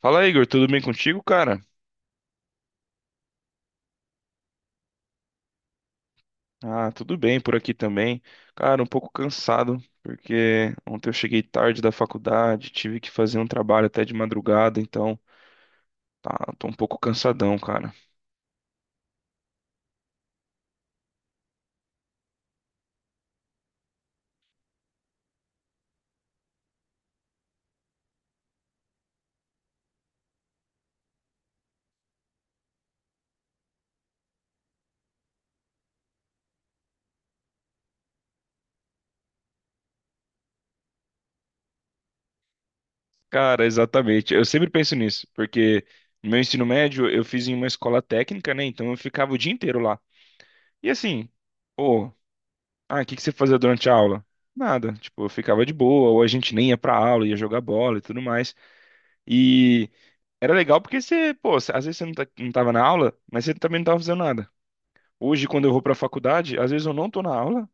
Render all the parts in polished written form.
Fala, Igor, tudo bem contigo, cara? Ah, tudo bem por aqui também. Cara, um pouco cansado, porque ontem eu cheguei tarde da faculdade, tive que fazer um trabalho até de madrugada, então tá, tô um pouco cansadão, cara. Cara, exatamente. Eu sempre penso nisso, porque no meu ensino médio eu fiz em uma escola técnica, né? Então eu ficava o dia inteiro lá. E assim, pô, ah, o que que você fazia durante a aula? Nada, tipo, eu ficava de boa, ou a gente nem ia pra aula, ia jogar bola e tudo mais. E. Era legal porque você, pô, às vezes você não, tá, não tava na aula, mas você também não tava fazendo nada. Hoje, quando eu vou pra faculdade, às vezes eu não tô na aula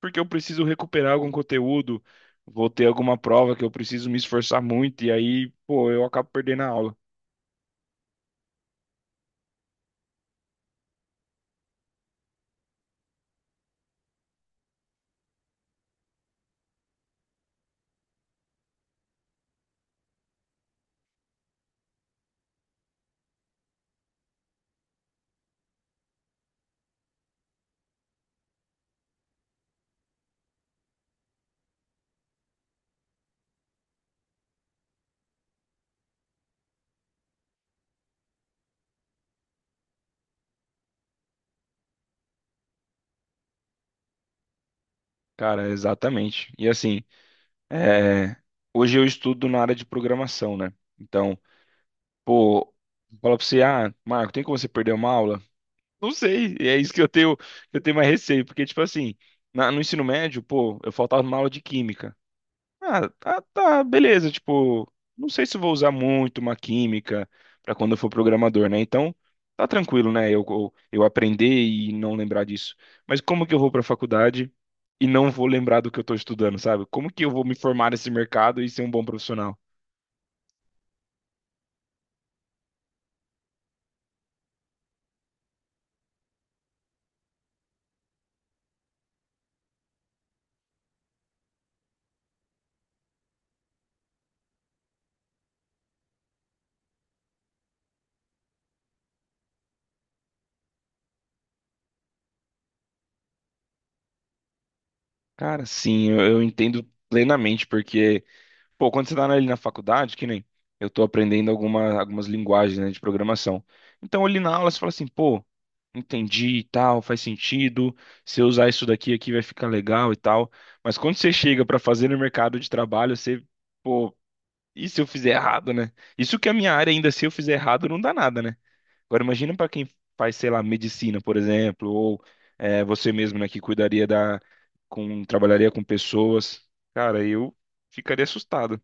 porque eu preciso recuperar algum conteúdo, vou ter alguma prova que eu preciso me esforçar muito, e aí, pô, eu acabo perdendo a aula. Cara, exatamente. E assim, é, hoje eu estudo na área de programação, né? Então, pô, fala pra você, ah, Marco, tem como você perder uma aula? Não sei, e é isso que eu tenho mais receio, porque, tipo assim, no ensino médio, pô, eu faltava uma aula de química. Ah, tá, tá, beleza. Tipo, não sei se eu vou usar muito uma química pra quando eu for programador, né? Então, tá tranquilo, né? Eu aprender e não lembrar disso. Mas como que eu vou pra faculdade e não vou lembrar do que eu tô estudando, sabe? Como que eu vou me formar nesse mercado e ser um bom profissional? Cara, sim, eu entendo plenamente, porque. Pô, quando você tá ali na faculdade, que nem eu tô aprendendo alguma, algumas linguagens, né, de programação. Então, ali na aula, você fala assim, pô, entendi e tal, faz sentido. Se eu usar isso daqui aqui vai ficar legal e tal. Mas quando você chega pra fazer no mercado de trabalho, você, pô, e se eu fizer errado, né? Isso que a minha área ainda, se eu fizer errado, não dá nada, né? Agora, imagina pra quem faz, sei lá, medicina, por exemplo, ou é, você mesmo, né, que cuidaria da, com, trabalharia com pessoas. Cara, eu ficaria assustado.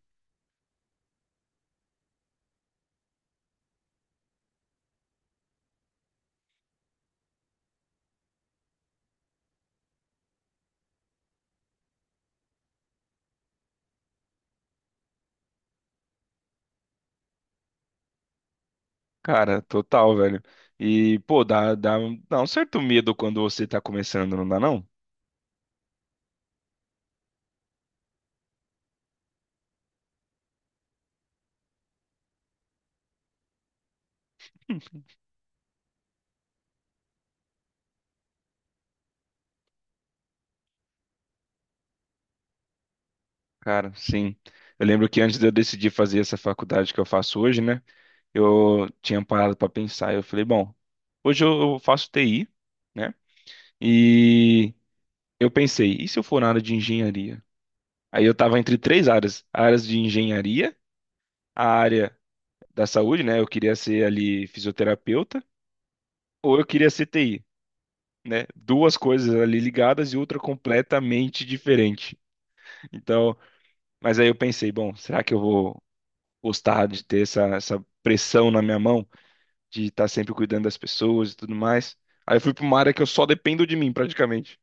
Cara, total, velho. E, pô, dá um certo medo quando você tá começando, não dá não? Cara, sim. Eu lembro que antes de eu decidir fazer essa faculdade que eu faço hoje, né? Eu tinha parado pra pensar. Eu falei, bom, hoje eu faço TI, né? E eu pensei, e se eu for na área de engenharia? Aí eu tava entre três áreas: áreas de engenharia, a área da saúde, né? Eu queria ser ali fisioterapeuta, ou eu queria ser TI, né? Duas coisas ali ligadas e outra completamente diferente. Então, mas aí eu pensei, bom, será que eu vou gostar de ter essa pressão na minha mão, de estar sempre cuidando das pessoas e tudo mais? Aí eu fui para uma área que eu só dependo de mim, praticamente.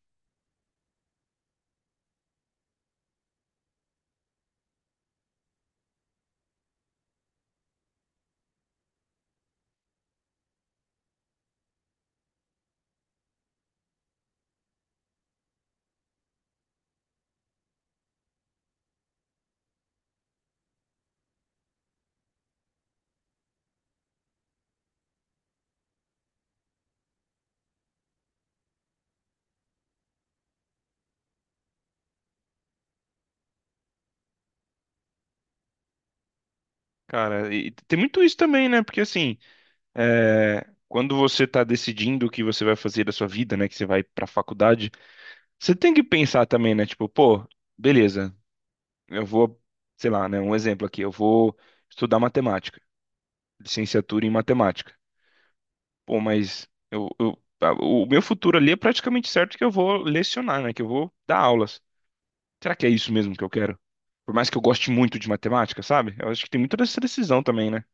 Cara, e tem muito isso também, né? Porque assim, é, quando você está decidindo o que você vai fazer da sua vida, né? Que você vai para a faculdade, você tem que pensar também, né? Tipo, pô, beleza, eu vou, sei lá, né? Um exemplo aqui, eu vou estudar matemática, licenciatura em matemática. Pô, mas o meu futuro ali é praticamente certo que eu vou lecionar, né? Que eu vou dar aulas. Será que é isso mesmo que eu quero? Por mais que eu goste muito de matemática, sabe? Eu acho que tem muito dessa decisão também, né?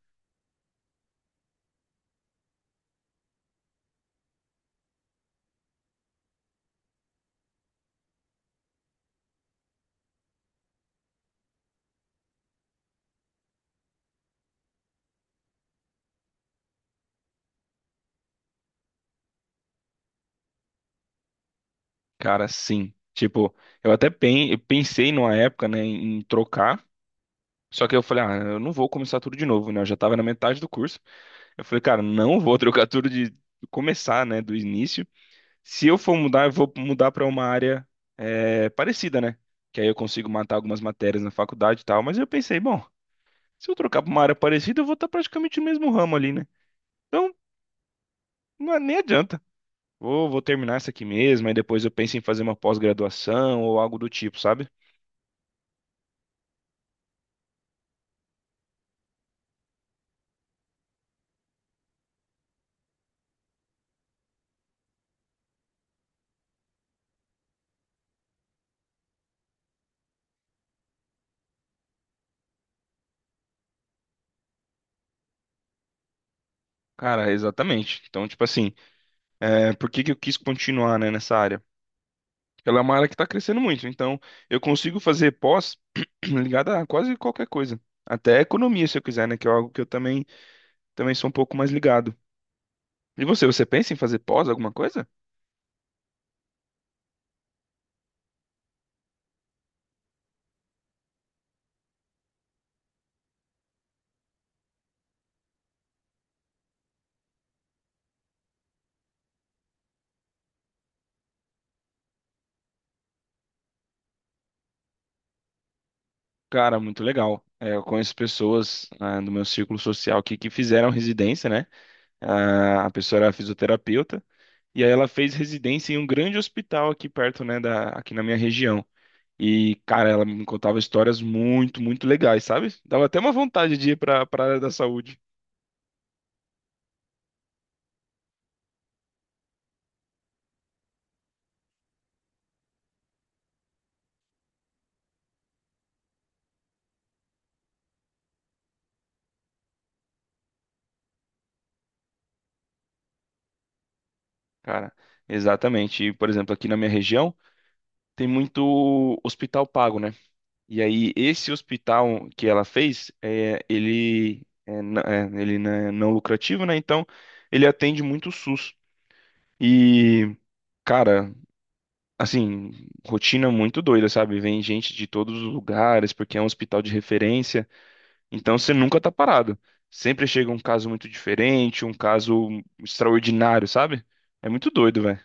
Cara, sim. Tipo, eu pensei numa época, né, em trocar. Só que eu falei, ah, eu não vou começar tudo de novo, né? Eu já tava na metade do curso. Eu falei, cara, não vou trocar tudo de começar, né, do início. Se eu for mudar, eu vou mudar para uma área é, parecida, né? Que aí eu consigo matar algumas matérias na faculdade e tal. Mas eu pensei, bom, se eu trocar para uma área parecida, eu vou estar praticamente no mesmo ramo ali, né? Então, não, é- nem adianta. Vou terminar essa aqui mesmo, aí depois eu penso em fazer uma pós-graduação ou algo do tipo, sabe? Cara, exatamente. Então, tipo assim, é, por que que eu quis continuar, né, nessa área? Porque ela é uma área que está crescendo muito, então eu consigo fazer pós ligada a quase qualquer coisa. Até economia, se eu quiser, né? Que é algo que eu também sou um pouco mais ligado. E você pensa em fazer pós, alguma coisa? Cara, muito legal. É, eu conheço pessoas, ah, no meu círculo social aqui que fizeram residência, né? Ah, a pessoa era fisioterapeuta e aí ela fez residência em um grande hospital aqui perto, né, da, aqui na minha região. E, cara, ela me contava histórias muito, muito legais, sabe? Dava até uma vontade de ir para área da saúde, cara. Exatamente. E, por exemplo, aqui na minha região tem muito hospital pago, né? E aí, esse hospital que ela fez, é, ele, é, é, ele não é não lucrativo, né? Então, ele atende muito o SUS. E, cara, assim, rotina muito doida, sabe? Vem gente de todos os lugares, porque é um hospital de referência. Então, você nunca tá parado. Sempre chega um caso muito diferente, um caso extraordinário, sabe? É muito doido, velho.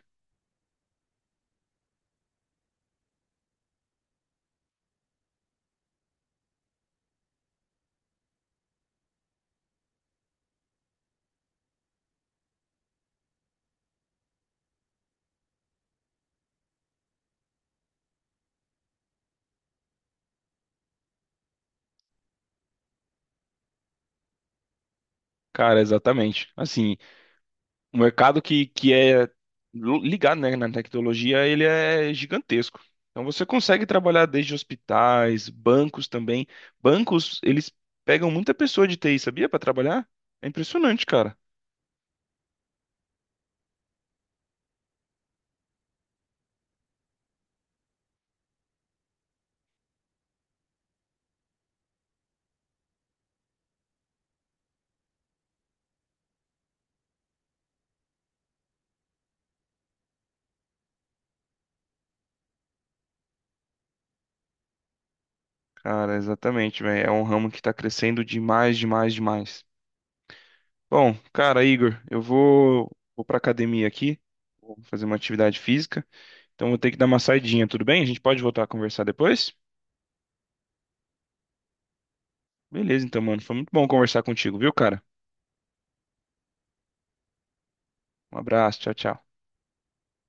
Cara, exatamente. Assim, o mercado que é ligado, né, na tecnologia, ele é gigantesco. Então você consegue trabalhar desde hospitais, bancos também. Bancos, eles pegam muita pessoa de TI, sabia, para trabalhar? É impressionante, cara. Cara, exatamente, velho. É um ramo que tá crescendo demais, demais, demais. Bom, cara, Igor, eu vou para academia aqui, vou fazer uma atividade física. Então vou ter que dar uma saidinha, tudo bem? A gente pode voltar a conversar depois? Beleza, então, mano. Foi muito bom conversar contigo, viu, cara? Um abraço, tchau, tchau.